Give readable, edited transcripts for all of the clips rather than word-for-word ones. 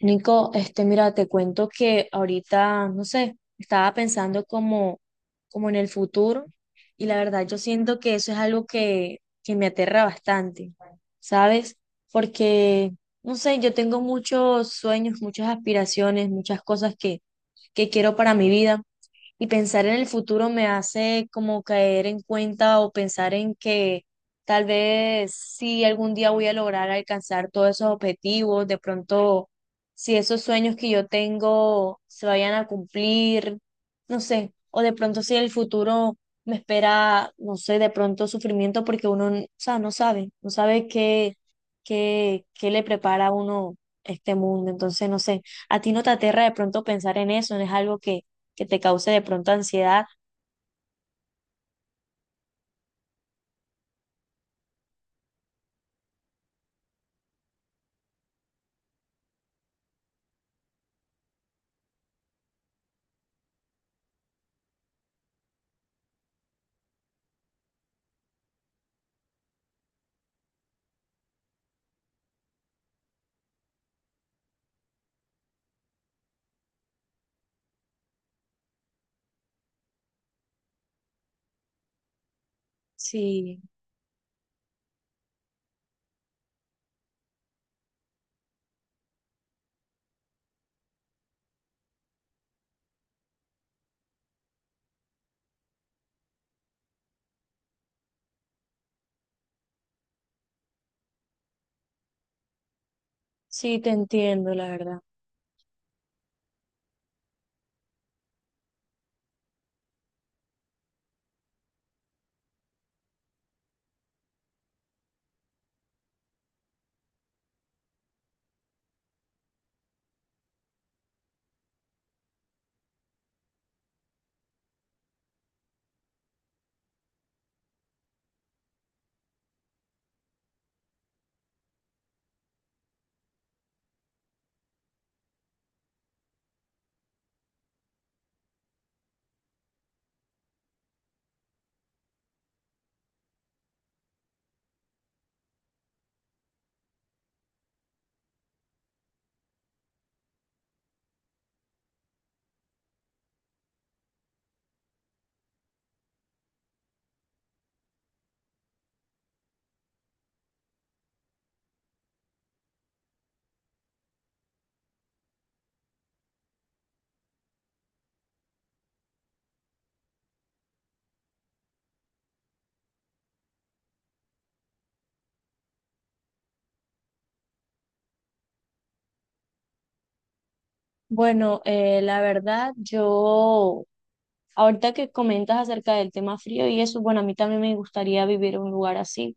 Nico, mira, te cuento que ahorita, no sé, estaba pensando como en el futuro y la verdad yo siento que eso es algo que me aterra bastante, ¿sabes? Porque, no sé, yo tengo muchos sueños, muchas aspiraciones, muchas cosas que quiero para mi vida y pensar en el futuro me hace como caer en cuenta o pensar en que tal vez si algún día voy a lograr alcanzar todos esos objetivos, de pronto si esos sueños que yo tengo se vayan a cumplir, no sé, o de pronto si el futuro me espera, no sé, de pronto sufrimiento porque uno, o sea, no sabe, no sabe qué le prepara a uno este mundo, entonces no sé, a ti no te aterra de pronto pensar en eso, no es algo que te cause de pronto ansiedad. Sí, sí, te entiendo, la verdad. Bueno, la verdad, yo, ahorita que comentas acerca del tema frío y eso, bueno, a mí también me gustaría vivir en un lugar así,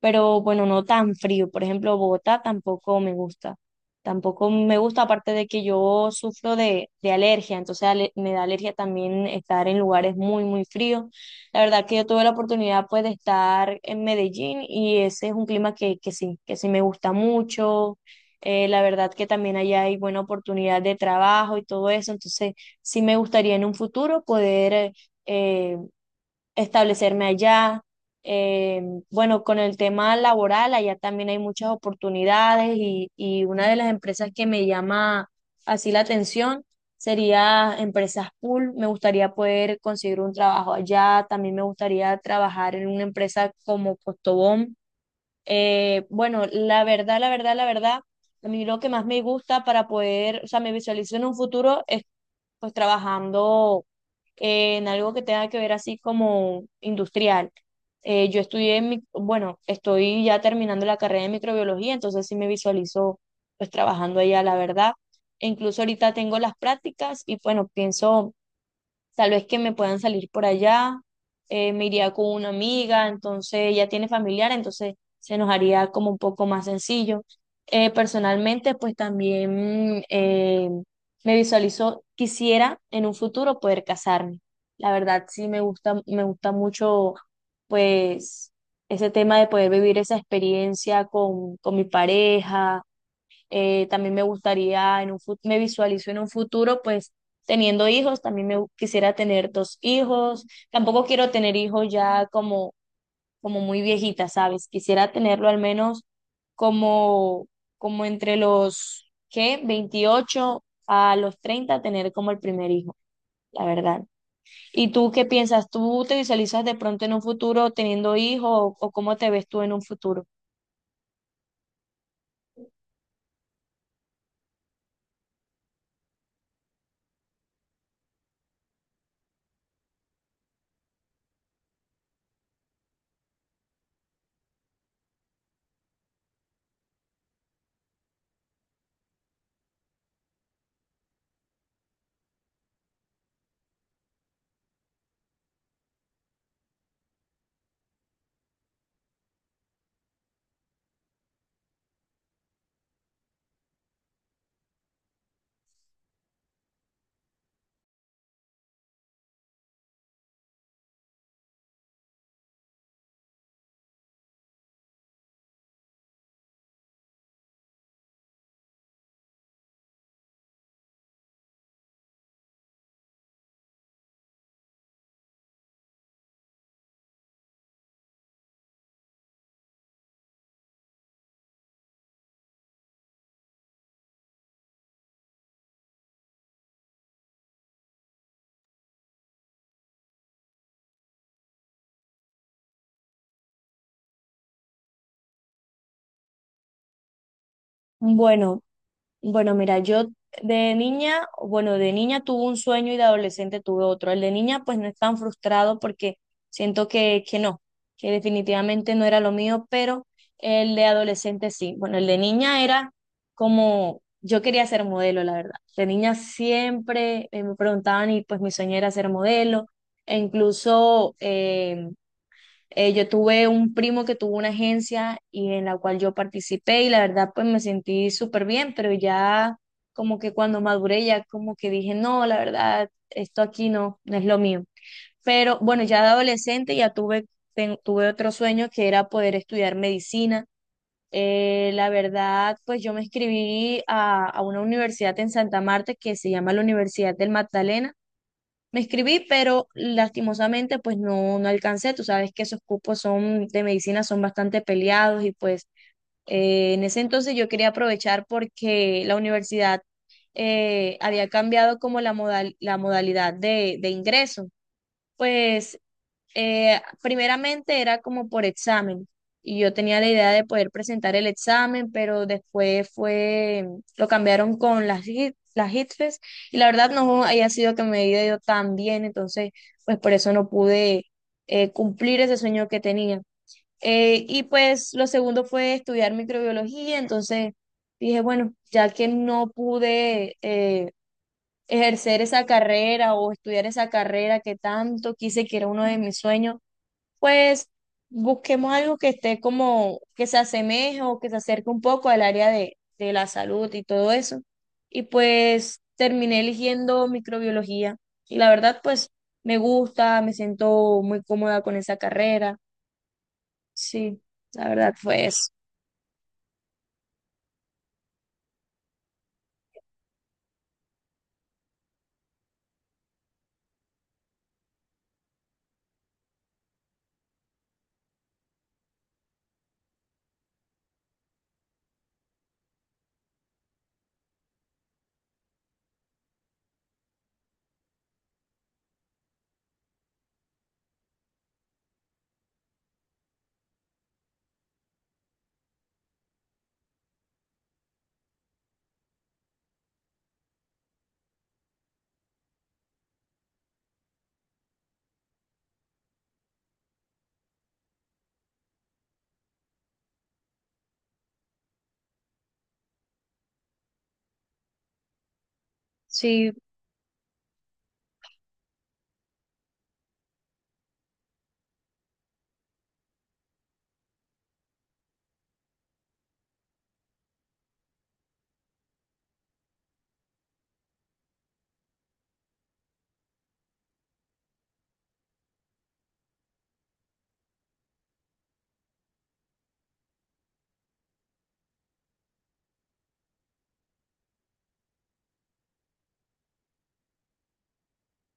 pero bueno, no tan frío. Por ejemplo, Bogotá tampoco me gusta. Tampoco me gusta, aparte de que yo sufro de alergia, entonces me da alergia también estar en lugares muy fríos. La verdad que yo tuve la oportunidad pues de estar en Medellín y ese es un clima que sí me gusta mucho. La verdad que también allá hay buena oportunidad de trabajo y todo eso, entonces sí me gustaría en un futuro poder eh, establecerme allá. Eh, bueno, con el tema laboral, allá también hay muchas oportunidades y una de las empresas que me llama así la atención sería Empresas Pool. Me gustaría poder conseguir un trabajo allá, también me gustaría trabajar en una empresa como Costobón. Bueno, la verdad, a mí lo que más me gusta para poder, o sea, me visualizo en un futuro es pues trabajando en algo que tenga que ver así como industrial. Yo bueno, estoy ya terminando la carrera de microbiología, entonces sí me visualizo pues trabajando allá, la verdad. E incluso ahorita tengo las prácticas y bueno, pienso tal vez que me puedan salir por allá, me iría con una amiga, entonces ella tiene familiar, entonces se nos haría como un poco más sencillo. Personalmente, pues también me visualizo, quisiera en un futuro poder casarme. La verdad, sí me gusta mucho, pues, ese tema de poder vivir esa experiencia con mi pareja. También me gustaría, en un, fut me visualizo en un futuro, pues teniendo hijos, también quisiera tener dos hijos. Tampoco quiero tener hijos ya como muy viejita, ¿sabes? Quisiera tenerlo al menos como, como entre los, ¿qué? 28 a los 30, tener como el primer hijo, la verdad. ¿Y tú qué piensas? ¿Tú te visualizas de pronto en un futuro teniendo hijos o cómo te ves tú en un futuro? Bueno, Bueno, mira, yo de niña, bueno, de niña tuve un sueño y de adolescente tuve otro. El de niña, pues no es tan frustrado porque siento que no, que definitivamente no era lo mío, pero el de adolescente sí. Bueno, el de niña era como, yo quería ser modelo, la verdad. De niña siempre me preguntaban y pues mi sueño era ser modelo. E incluso, yo tuve un primo que tuvo una agencia y en la cual yo participé y la verdad pues me sentí súper bien, pero ya como que cuando maduré ya como que dije, no, la verdad, esto aquí no es lo mío. Pero bueno, ya de adolescente ya tuve otro sueño que era poder estudiar medicina. La verdad, pues yo me inscribí a una universidad en Santa Marta que se llama la Universidad del Magdalena, me inscribí, pero lastimosamente pues no, no alcancé. Tú sabes que esos cupos son de medicina son bastante peleados y pues en ese entonces yo quería aprovechar porque la universidad había cambiado como la modalidad de ingreso. Pues primeramente era como por examen y yo tenía la idea de poder presentar el examen, pero después fue, lo cambiaron con las hitres y la verdad no haya sido que me haya ido tan bien, entonces pues por eso no pude cumplir ese sueño que tenía. Y pues lo segundo fue estudiar microbiología, entonces dije, bueno, ya que no pude... ejercer esa carrera o estudiar esa carrera que tanto quise, que era uno de mis sueños, pues busquemos algo que esté como, que se asemeje o que se acerque un poco al área de la salud y todo eso. Y pues terminé eligiendo microbiología. Y la verdad, pues me gusta, me siento muy cómoda con esa carrera. Sí, la verdad fue eso. Sí,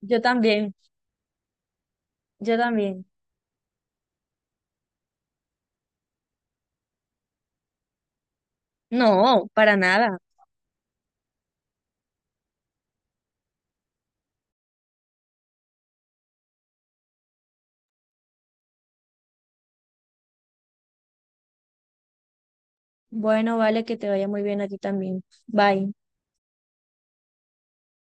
yo también, yo también. No, para nada. Bueno, vale, que te vaya muy bien a ti también. Bye.